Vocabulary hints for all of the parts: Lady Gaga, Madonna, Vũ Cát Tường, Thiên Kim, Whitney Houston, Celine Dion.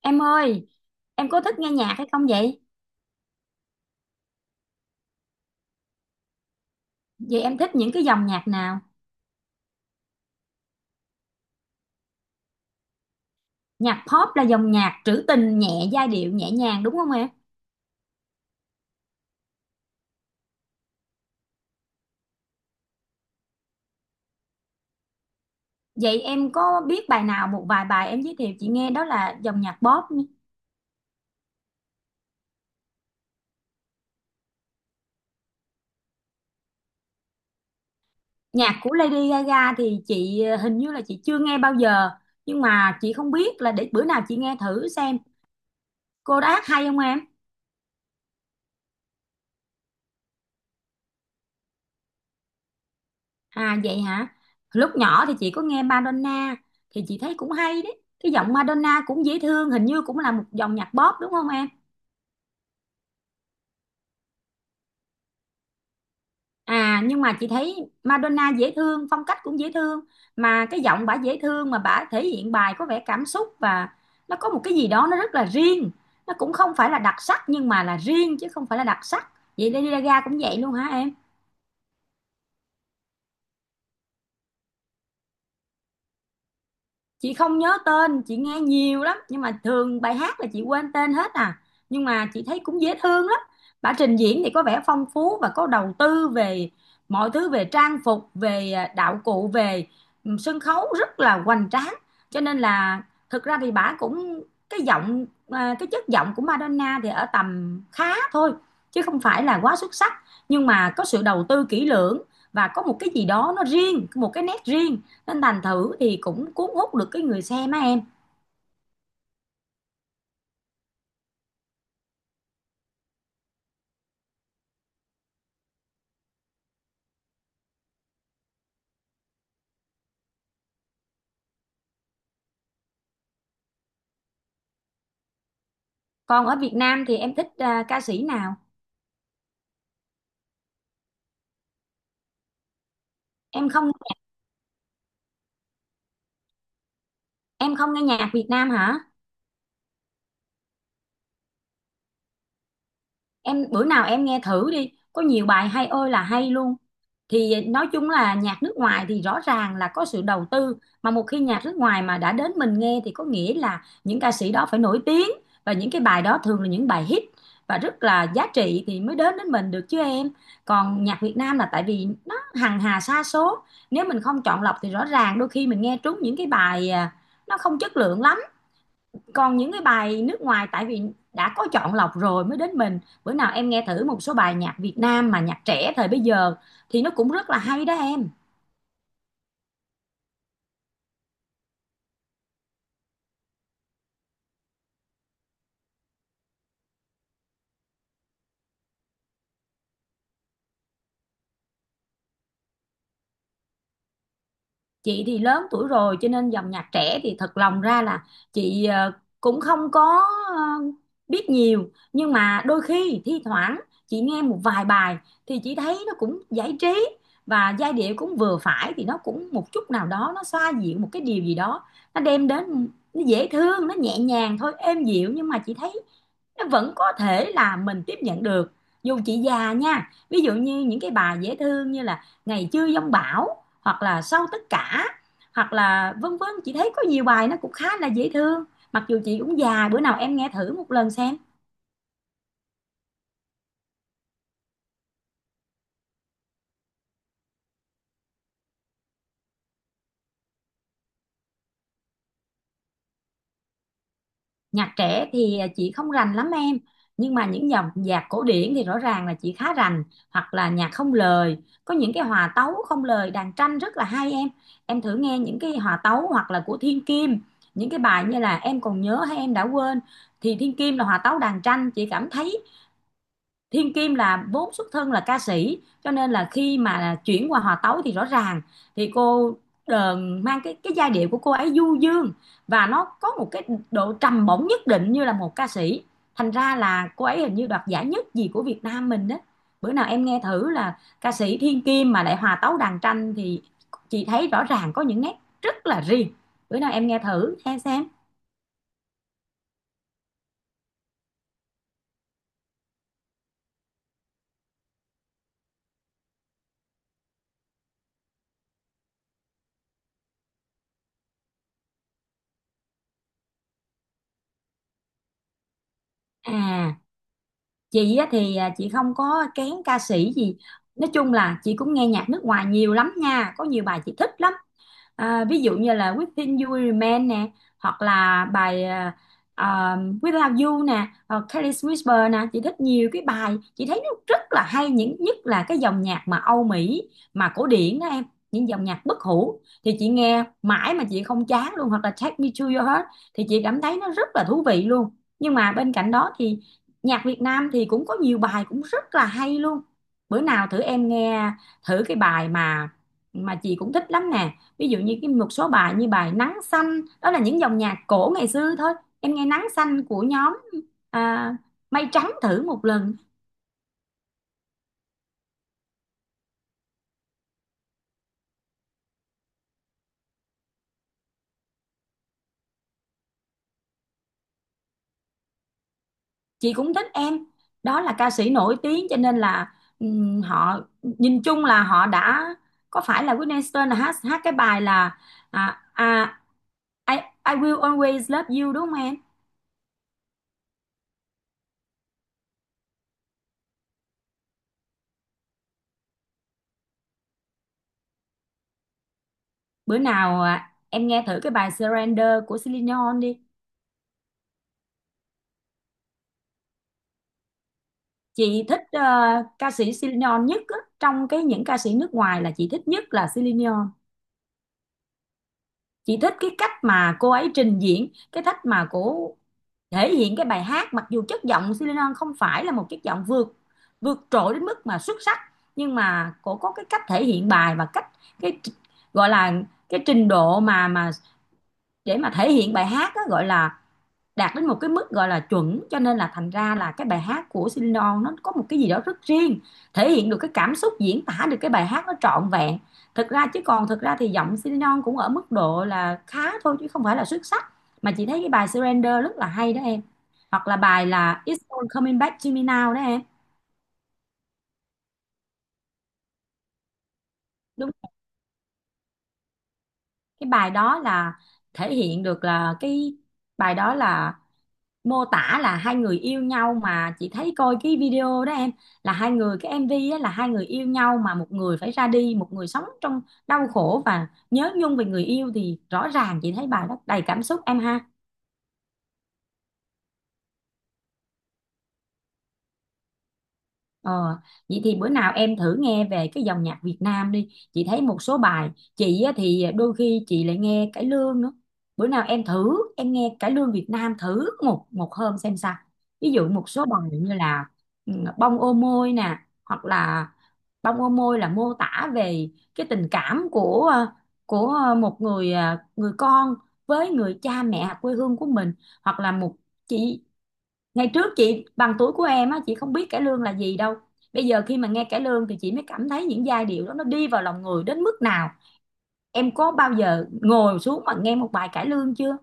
Em ơi, em có thích nghe nhạc hay không vậy? Vậy em thích những cái dòng nhạc nào? Nhạc pop là dòng nhạc trữ tình nhẹ, giai điệu nhẹ nhàng đúng không em? Vậy em có biết bài nào một vài bài em giới thiệu chị nghe đó là dòng nhạc pop nhé. Nhạc của Lady Gaga thì chị hình như là chị chưa nghe bao giờ, nhưng mà chị không biết là để bữa nào chị nghe thử xem. Cô hát hay không em? À vậy hả? Lúc nhỏ thì chị có nghe Madonna thì chị thấy cũng hay đấy. Cái giọng Madonna cũng dễ thương, hình như cũng là một dòng nhạc pop đúng không em? À nhưng mà chị thấy Madonna dễ thương, phong cách cũng dễ thương mà cái giọng bả dễ thương mà bả thể hiện bài có vẻ cảm xúc và nó có một cái gì đó nó rất là riêng. Nó cũng không phải là đặc sắc nhưng mà là riêng chứ không phải là đặc sắc. Vậy Lady Gaga cũng vậy luôn hả em? Chị không nhớ tên, chị nghe nhiều lắm nhưng mà thường bài hát là chị quên tên hết à, nhưng mà chị thấy cũng dễ thương lắm. Bả trình diễn thì có vẻ phong phú và có đầu tư về mọi thứ, về trang phục, về đạo cụ, về sân khấu rất là hoành tráng. Cho nên là thực ra thì bả cũng cái giọng, cái chất giọng của Madonna thì ở tầm khá thôi chứ không phải là quá xuất sắc, nhưng mà có sự đầu tư kỹ lưỡng và có một cái gì đó nó riêng, một cái nét riêng, nên thành thử thì cũng cuốn hút được cái người xem á em. Còn ở Việt Nam thì em thích ca sĩ nào? Em không, em không nghe nhạc Việt Nam hả em? Bữa nào em nghe thử đi, có nhiều bài hay ơi là hay luôn. Thì nói chung là nhạc nước ngoài thì rõ ràng là có sự đầu tư, mà một khi nhạc nước ngoài mà đã đến mình nghe thì có nghĩa là những ca sĩ đó phải nổi tiếng, và những cái bài đó thường là những bài hit và rất là giá trị thì mới đến đến mình được chứ em. Còn nhạc Việt Nam là tại vì nó hằng hà sa số, nếu mình không chọn lọc thì rõ ràng đôi khi mình nghe trúng những cái bài nó không chất lượng lắm. Còn những cái bài nước ngoài tại vì đã có chọn lọc rồi mới đến mình. Bữa nào em nghe thử một số bài nhạc Việt Nam mà nhạc trẻ thời bây giờ thì nó cũng rất là hay đó em. Chị thì lớn tuổi rồi cho nên dòng nhạc trẻ thì thật lòng ra là chị cũng không có biết nhiều, nhưng mà đôi khi thi thoảng chị nghe một vài bài thì chị thấy nó cũng giải trí và giai điệu cũng vừa phải, thì nó cũng một chút nào đó nó xoa dịu một cái điều gì đó nó đem đến. Nó dễ thương, nó nhẹ nhàng thôi, êm dịu, nhưng mà chị thấy nó vẫn có thể là mình tiếp nhận được, dù chị già nha. Ví dụ như những cái bài dễ thương như là Ngày Chưa Giông Bão hoặc là Sau Tất Cả hoặc là vân vân, chị thấy có nhiều bài nó cũng khá là dễ thương, mặc dù chị cũng già. Bữa nào em nghe thử một lần xem. Nhạc trẻ thì chị không rành lắm em, nhưng mà những dòng nhạc cổ điển thì rõ ràng là chị khá rành, hoặc là nhạc không lời. Có những cái hòa tấu không lời đàn tranh rất là hay em. Em thử nghe những cái hòa tấu hoặc là của Thiên Kim, những cái bài như là Em Còn Nhớ Hay Em Đã Quên, thì Thiên Kim là hòa tấu đàn tranh. Chị cảm thấy Thiên Kim là vốn xuất thân là ca sĩ, cho nên là khi mà chuyển qua hòa tấu thì rõ ràng thì cô ờ, mang cái giai điệu của cô ấy du dương, và nó có một cái độ trầm bổng nhất định như là một ca sĩ. Thành ra là cô ấy hình như đoạt giải nhất gì của Việt Nam mình đó. Bữa nào em nghe thử là ca sĩ Thiên Kim mà lại hòa tấu đàn tranh thì chị thấy rõ ràng có những nét rất là riêng. Bữa nào em nghe thử nghe xem. À, chị á thì chị không có kén ca sĩ gì. Nói chung là chị cũng nghe nhạc nước ngoài nhiều lắm nha, có nhiều bài chị thích lắm. Ví dụ như là Within You Will Remain nè, hoặc là bài à, Without You nè, hoặc Careless Whisper nè. Chị thích nhiều cái bài, chị thấy nó rất là hay, những nhất là cái dòng nhạc mà Âu Mỹ mà cổ điển đó em. Những dòng nhạc bất hủ thì chị nghe mãi mà chị không chán luôn, hoặc là Take Me to Your Heart thì chị cảm thấy nó rất là thú vị luôn. Nhưng mà bên cạnh đó thì nhạc Việt Nam thì cũng có nhiều bài cũng rất là hay luôn. Bữa nào thử em nghe thử cái bài mà chị cũng thích lắm nè, ví dụ như cái một số bài như bài Nắng Xanh đó, là những dòng nhạc cổ ngày xưa thôi. Em nghe Nắng Xanh của nhóm à, Mây Trắng thử một lần. Chị cũng thích em, đó là ca sĩ nổi tiếng cho nên là họ nhìn chung là họ đã có phải là Whitney Houston là hát, hát cái bài là à, à, I, I Will Always Love You đúng không em? Bữa nào em nghe thử cái bài Surrender của Celine Dion đi. Chị thích ca sĩ Celine Dion nhất á, trong cái những ca sĩ nước ngoài là chị thích nhất là Celine Dion. Chị thích cái cách mà cô ấy trình diễn, cái cách mà cô thể hiện cái bài hát, mặc dù chất giọng Celine Dion không phải là một chất giọng vượt, vượt trội đến mức mà xuất sắc, nhưng mà cô có cái cách thể hiện bài và cách cái tr- gọi là cái trình độ mà để mà thể hiện bài hát á, gọi là đạt đến một cái mức gọi là chuẩn, cho nên là thành ra là cái bài hát của Celine Dion nó có một cái gì đó rất riêng, thể hiện được cái cảm xúc, diễn tả được cái bài hát nó trọn vẹn. Thực ra chứ còn thực ra thì giọng Celine Dion cũng ở mức độ là khá thôi chứ không phải là xuất sắc, mà chị thấy cái bài Surrender rất là hay đó em, hoặc là bài là It's All Coming Back to Me Now đó em. Đúng, cái bài đó là thể hiện được là cái bài đó là mô tả là hai người yêu nhau. Mà chị thấy coi cái video đó em, là hai người, cái MV á, là hai người yêu nhau mà một người phải ra đi, một người sống trong đau khổ và nhớ nhung về người yêu, thì rõ ràng chị thấy bài đó đầy cảm xúc em ha. Ờ, vậy thì bữa nào em thử nghe về cái dòng nhạc Việt Nam đi. Chị thấy một số bài, chị á thì đôi khi chị lại nghe cải lương nữa. Bữa nào em thử, em nghe cải lương Việt Nam thử một một hôm xem sao. Ví dụ một số bài như là ừ, Bông Ô Môi nè, hoặc là Bông Ô Môi là mô tả về cái tình cảm của của một người người con với người cha mẹ quê hương của mình, hoặc là một chị ngày trước chị bằng tuổi của em á, chị không biết cải lương là gì đâu. Bây giờ khi mà nghe cải lương thì chị mới cảm thấy những giai điệu đó nó đi vào lòng người đến mức nào. Em có bao giờ ngồi xuống mà nghe một bài cải lương chưa?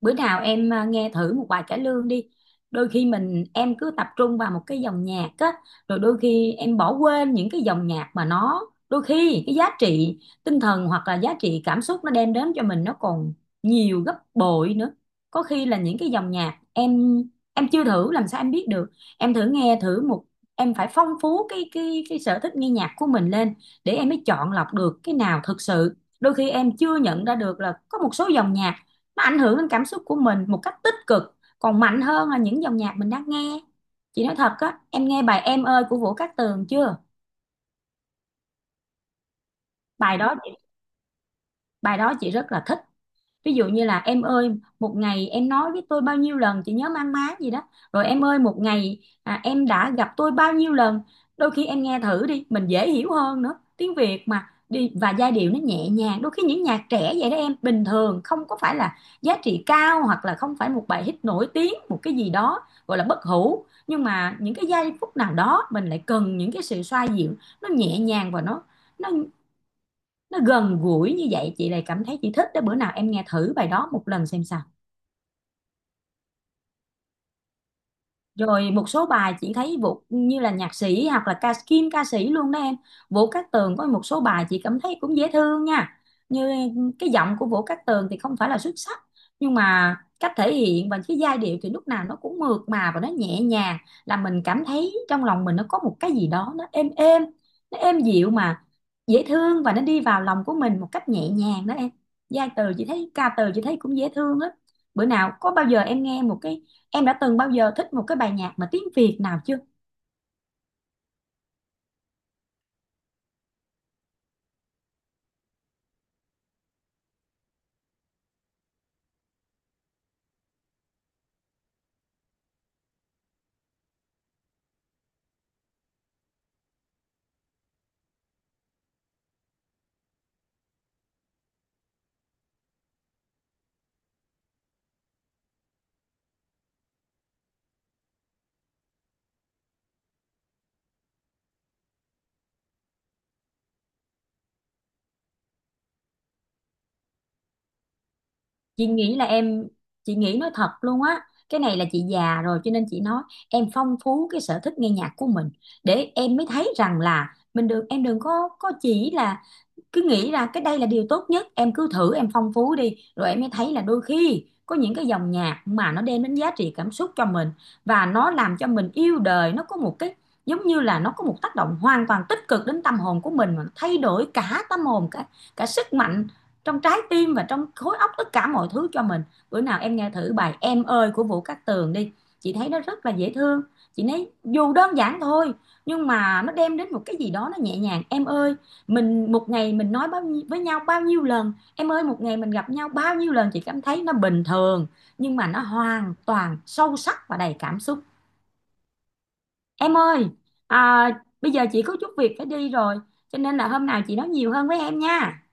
Bữa nào em nghe thử một bài cải lương đi. Đôi khi em cứ tập trung vào một cái dòng nhạc á, rồi đôi khi em bỏ quên những cái dòng nhạc mà nó, đôi khi cái giá trị tinh thần hoặc là giá trị cảm xúc nó đem đến cho mình nó còn nhiều gấp bội nữa. Có khi là những cái dòng nhạc em chưa thử làm sao em biết được. Em thử nghe thử một, em phải phong phú cái sở thích nghe nhạc của mình lên, để em mới chọn lọc được cái nào thực sự. Đôi khi em chưa nhận ra được là có một số dòng nhạc nó ảnh hưởng đến cảm xúc của mình một cách tích cực còn mạnh hơn là những dòng nhạc mình đang nghe. Chị nói thật á, em nghe bài Em Ơi của Vũ Cát Tường chưa? Bài đó, bài đó chị rất là thích. Ví dụ như là em ơi, một ngày em nói với tôi bao nhiêu lần, chị nhớ mang má gì đó, rồi em ơi một ngày em đã gặp tôi bao nhiêu lần. Đôi khi em nghe thử đi, mình dễ hiểu hơn nữa, tiếng Việt mà, đi và giai điệu nó nhẹ nhàng. Đôi khi những nhạc trẻ vậy đó em, bình thường không có phải là giá trị cao, hoặc là không phải một bài hit nổi tiếng, một cái gì đó gọi là bất hủ, nhưng mà những cái giây phút nào đó mình lại cần những cái sự xoa dịu, nó nhẹ nhàng và nó nó gần gũi như vậy, chị lại cảm thấy chị thích đó. Bữa nào em nghe thử bài đó một lần xem sao. Rồi một số bài chị thấy Vũ như là nhạc sĩ hoặc là ca sĩ luôn đó em. Vũ Cát Tường có một số bài chị cảm thấy cũng dễ thương nha. Như cái giọng của Vũ Cát Tường thì không phải là xuất sắc, nhưng mà cách thể hiện và cái giai điệu thì lúc nào nó cũng mượt mà và nó nhẹ nhàng, là mình cảm thấy trong lòng mình nó có một cái gì đó nó êm êm, nó êm dịu mà dễ thương, và nó đi vào lòng của mình một cách nhẹ nhàng đó em. Giai từ chị thấy, ca từ chị thấy cũng dễ thương á. Bữa nào có bao giờ em nghe một cái, em đã từng bao giờ thích một cái bài nhạc mà tiếng Việt nào chưa? chị nghĩ là em chị nghĩ nói thật luôn á, cái này là chị già rồi cho nên chị nói, em phong phú cái sở thích nghe nhạc của mình, để em mới thấy rằng là mình đừng, em đừng có chỉ là cứ nghĩ ra cái đây là điều tốt nhất. Em cứ thử, em phong phú đi rồi em mới thấy là đôi khi có những cái dòng nhạc mà nó đem đến giá trị cảm xúc cho mình, và nó làm cho mình yêu đời. Nó có một cái giống như là nó có một tác động hoàn toàn tích cực đến tâm hồn của mình, mà nó thay đổi cả tâm hồn, cả cả sức mạnh trong trái tim và trong khối óc, tất cả mọi thứ cho mình. Bữa nào em nghe thử bài Em Ơi của Vũ Cát Tường đi, chị thấy nó rất là dễ thương. Chị thấy dù đơn giản thôi, nhưng mà nó đem đến một cái gì đó nó nhẹ nhàng. Em ơi mình một ngày mình nói bao nhiêu, với nhau bao nhiêu lần, em ơi một ngày mình gặp nhau bao nhiêu lần, chị cảm thấy nó bình thường, nhưng mà nó hoàn toàn sâu sắc và đầy cảm xúc. Em ơi, à, bây giờ chị có chút việc phải đi rồi, cho nên là hôm nào chị nói nhiều hơn với em nha.